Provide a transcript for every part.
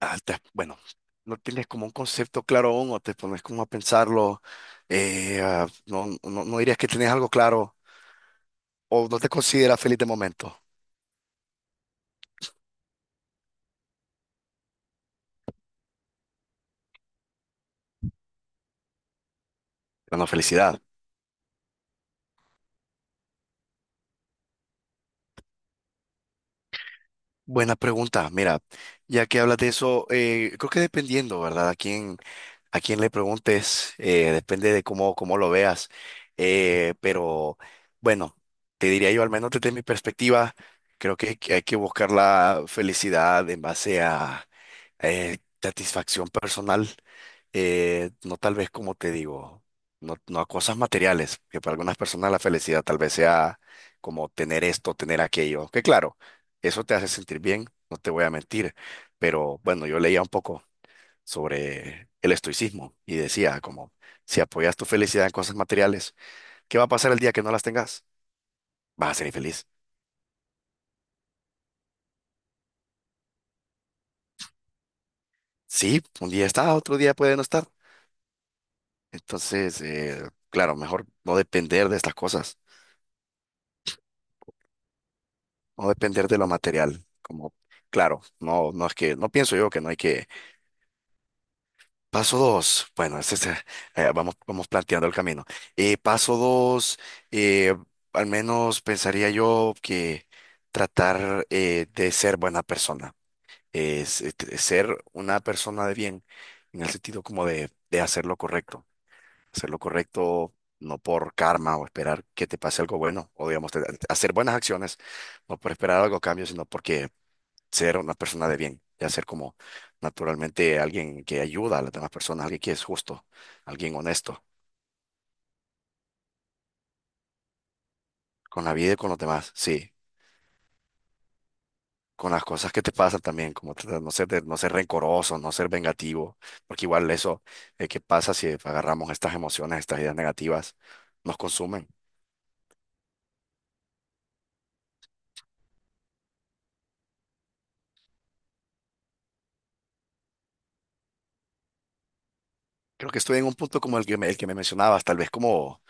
ah, te- bueno, no tienes como un concepto claro aún o te pones como a pensarlo. No, no, no dirías que tienes algo claro o no te consideras feliz de momento. Bueno, felicidad. Buena pregunta. Mira, ya que hablas de eso, creo que dependiendo, ¿verdad? A quien le preguntes, depende de cómo lo veas. Pero bueno, te diría yo, al menos desde mi perspectiva, creo que hay que buscar la felicidad en base a satisfacción personal. No tal vez como te digo, no a cosas materiales, que para algunas personas la felicidad tal vez sea como tener esto, tener aquello, que claro, eso te hace sentir bien, no te voy a mentir, pero bueno, yo leía un poco sobre el estoicismo y decía como, si apoyas tu felicidad en cosas materiales, ¿qué va a pasar el día que no las tengas? Vas a ser infeliz. Sí, un día está, otro día puede no estar. Entonces, claro, mejor no depender de estas cosas, no depender de lo material. Como, claro, no es no pienso yo que no hay que. Paso dos, bueno, es ese, vamos planteando el camino. Paso dos, eh, al menos pensaría yo que tratar de ser buena persona es, ser una persona de bien, en el sentido como de hacer lo correcto no por karma o esperar que te pase algo bueno, o digamos, hacer buenas acciones, no por esperar algo a cambio, sino porque ser una persona de bien, ya ser como naturalmente alguien que ayuda a las demás personas, alguien que es justo, alguien honesto con la vida y con los demás, sí. Con las cosas que te pasan también, como tratar de no ser rencoroso, no ser vengativo, porque igual eso, ¿qué pasa si agarramos estas emociones, estas ideas negativas, nos consumen? Creo que estoy en un punto como el que el que me mencionabas, tal vez como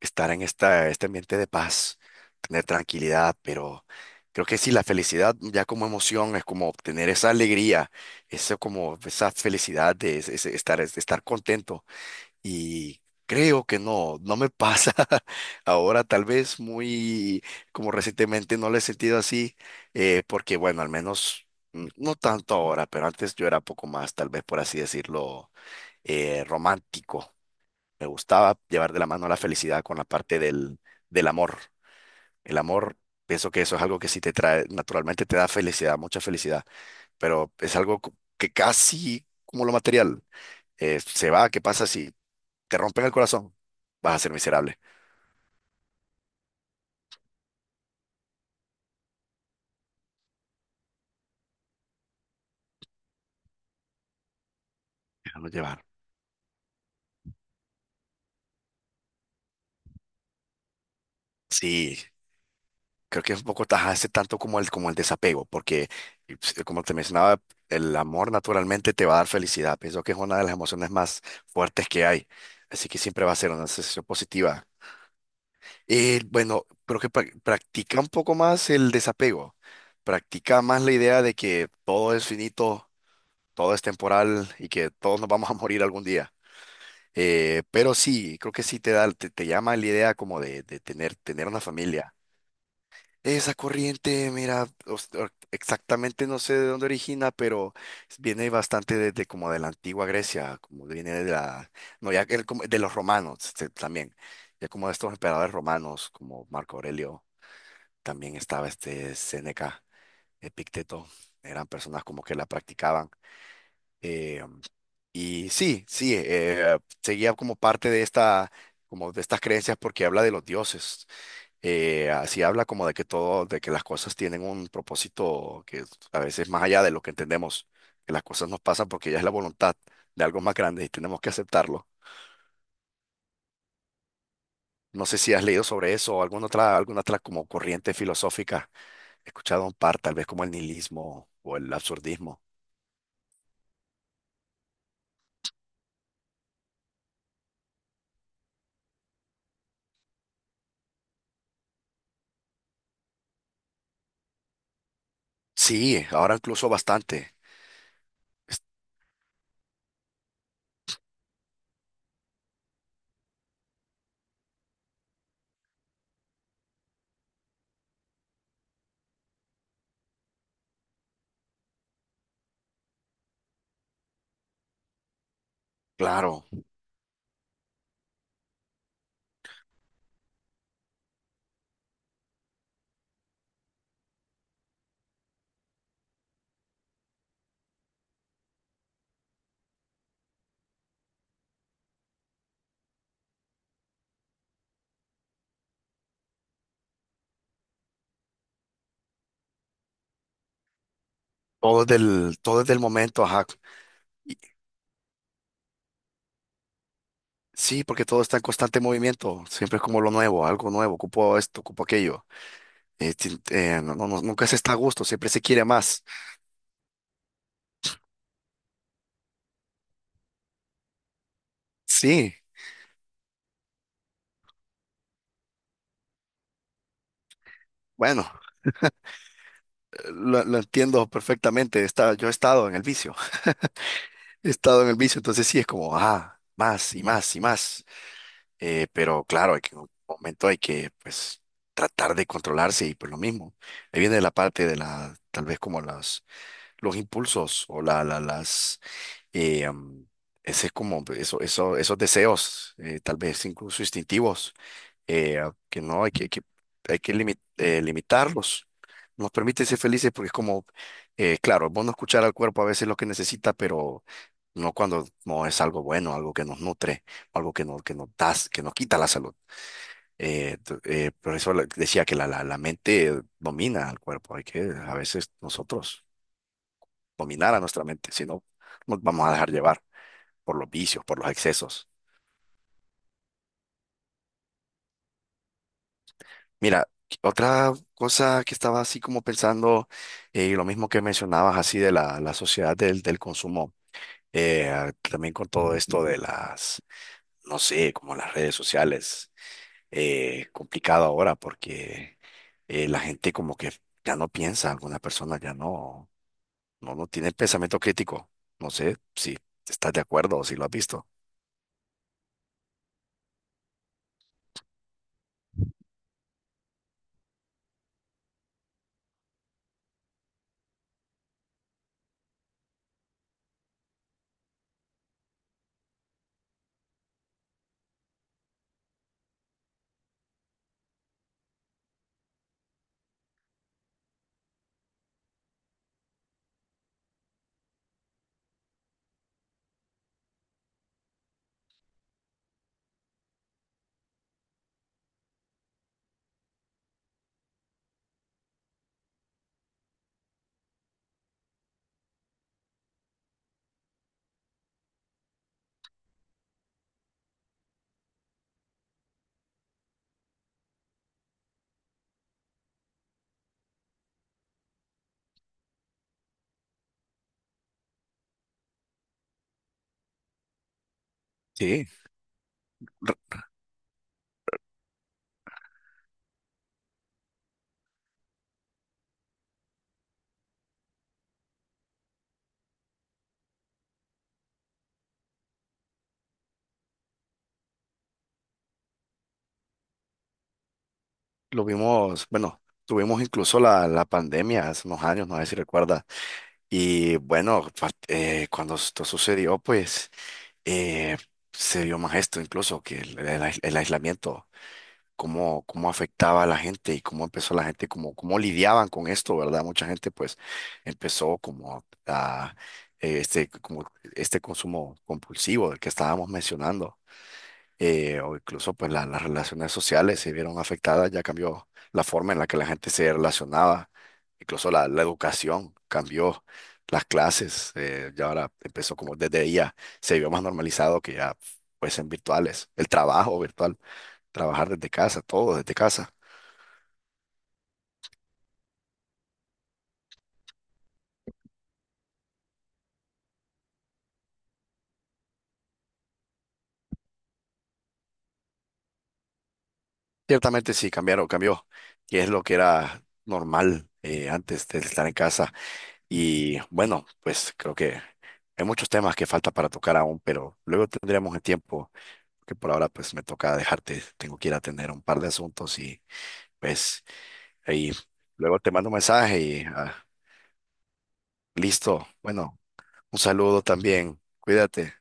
estar en esta, este ambiente de paz, tener tranquilidad, pero creo que sí, la felicidad ya como emoción es como obtener esa alegría, eso como esa felicidad de es estar contento. Y creo que no, no me pasa. Ahora tal vez muy, como recientemente no lo he sentido así, porque bueno, al menos, mm, no tanto ahora, pero antes yo era poco más, tal vez por así decirlo, romántico. Me gustaba llevar de la mano la felicidad con la parte del amor. El amor, pienso que eso es algo que sí te trae, naturalmente te da felicidad, mucha felicidad, pero es algo que casi como lo material. Se va, ¿qué pasa si te rompen el corazón, vas a ser miserable. Déjalo llevar. Sí, creo que es un poco tajarse tanto como el desapego, porque y, pues, como te mencionaba, el amor naturalmente te va a dar felicidad. Pienso que es una de las emociones más fuertes que hay, así que siempre va a ser una sensación positiva. Y bueno, creo que practica un poco más el desapego, practica más la idea de que todo es finito, todo es temporal y que todos nos vamos a morir algún día. Pero sí, creo que sí te da, te llama la idea como de tener, tener una familia. Esa corriente, mira, exactamente no sé de dónde origina, pero viene bastante desde como de la antigua Grecia, como viene de la, no, ya que el de los romanos este, también, ya como de estos emperadores romanos, como Marco Aurelio, también estaba este Séneca, Epicteto, eran personas como que la practicaban. eh, y sí, sí, seguía como parte de esta, como de estas creencias porque habla de los dioses. Así habla como de que todo, de que las cosas tienen un propósito que es a veces más allá de lo que entendemos, que las cosas nos pasan porque ya es la voluntad de algo más grande y tenemos que aceptarlo. No sé si has leído sobre eso o alguna otra como corriente filosófica. He escuchado un par, tal vez como el nihilismo o el absurdismo. Sí, ahora incluso bastante. Es- Claro, todo es todo es del momento, ajá. Sí, porque todo está en constante movimiento, siempre es como lo nuevo, algo nuevo, ocupo esto, ocupo aquello. Nunca se está a gusto, siempre se quiere más. Sí, bueno, lo entiendo perfectamente, está, yo he estado en el vicio, he estado en el vicio, entonces sí es como, ah, más y más y más. Pero claro, hay que, en un momento hay que, pues, tratar de controlarse y pues lo mismo. Ahí viene la parte de la, tal vez como las, los impulsos o las eh, um, ese es como eso, esos deseos, tal vez incluso instintivos, que no hay hay que limitarlos. Nos permite ser felices porque es como, claro, es bueno escuchar al cuerpo a veces lo que necesita, pero no cuando no es algo bueno, algo que nos nutre, algo que que nos da, que nos quita la salud. Por eso decía que la mente domina al cuerpo, hay que a veces nosotros dominar a nuestra mente, si no nos vamos a dejar llevar por los vicios, por los excesos. Mira, otra cosa que estaba así como pensando, lo mismo que mencionabas así de la sociedad del consumo, también con todo esto de las, no sé, como las redes sociales, complicado ahora porque la gente como que ya no piensa, alguna persona ya no, no tiene pensamiento crítico. No sé si estás de acuerdo o si lo has visto. Sí. Lo vimos, bueno, tuvimos incluso la pandemia hace unos años, no sé si recuerdas. Y bueno, cuando esto sucedió, pues eh, se vio más esto incluso que el aislamiento, cómo afectaba a la gente y cómo empezó la gente, cómo lidiaban con esto, ¿verdad? Mucha gente pues empezó como a, como este consumo compulsivo del que estábamos mencionando. O incluso pues las relaciones sociales se vieron afectadas, ya cambió la forma en la que la gente se relacionaba, incluso la educación cambió, las clases, ya ahora empezó como desde ya se vio más normalizado que ya fuesen virtuales, el trabajo virtual, trabajar desde casa, todo desde casa. Ciertamente sí, cambiaron, cambió, y es lo que era normal antes de estar en casa. Y bueno, pues creo que hay muchos temas que falta para tocar aún, pero luego tendremos el tiempo que por ahora pues me toca dejarte, tengo que ir a atender un par de asuntos y pues ahí luego te mando un mensaje y listo. Bueno, un saludo también, cuídate.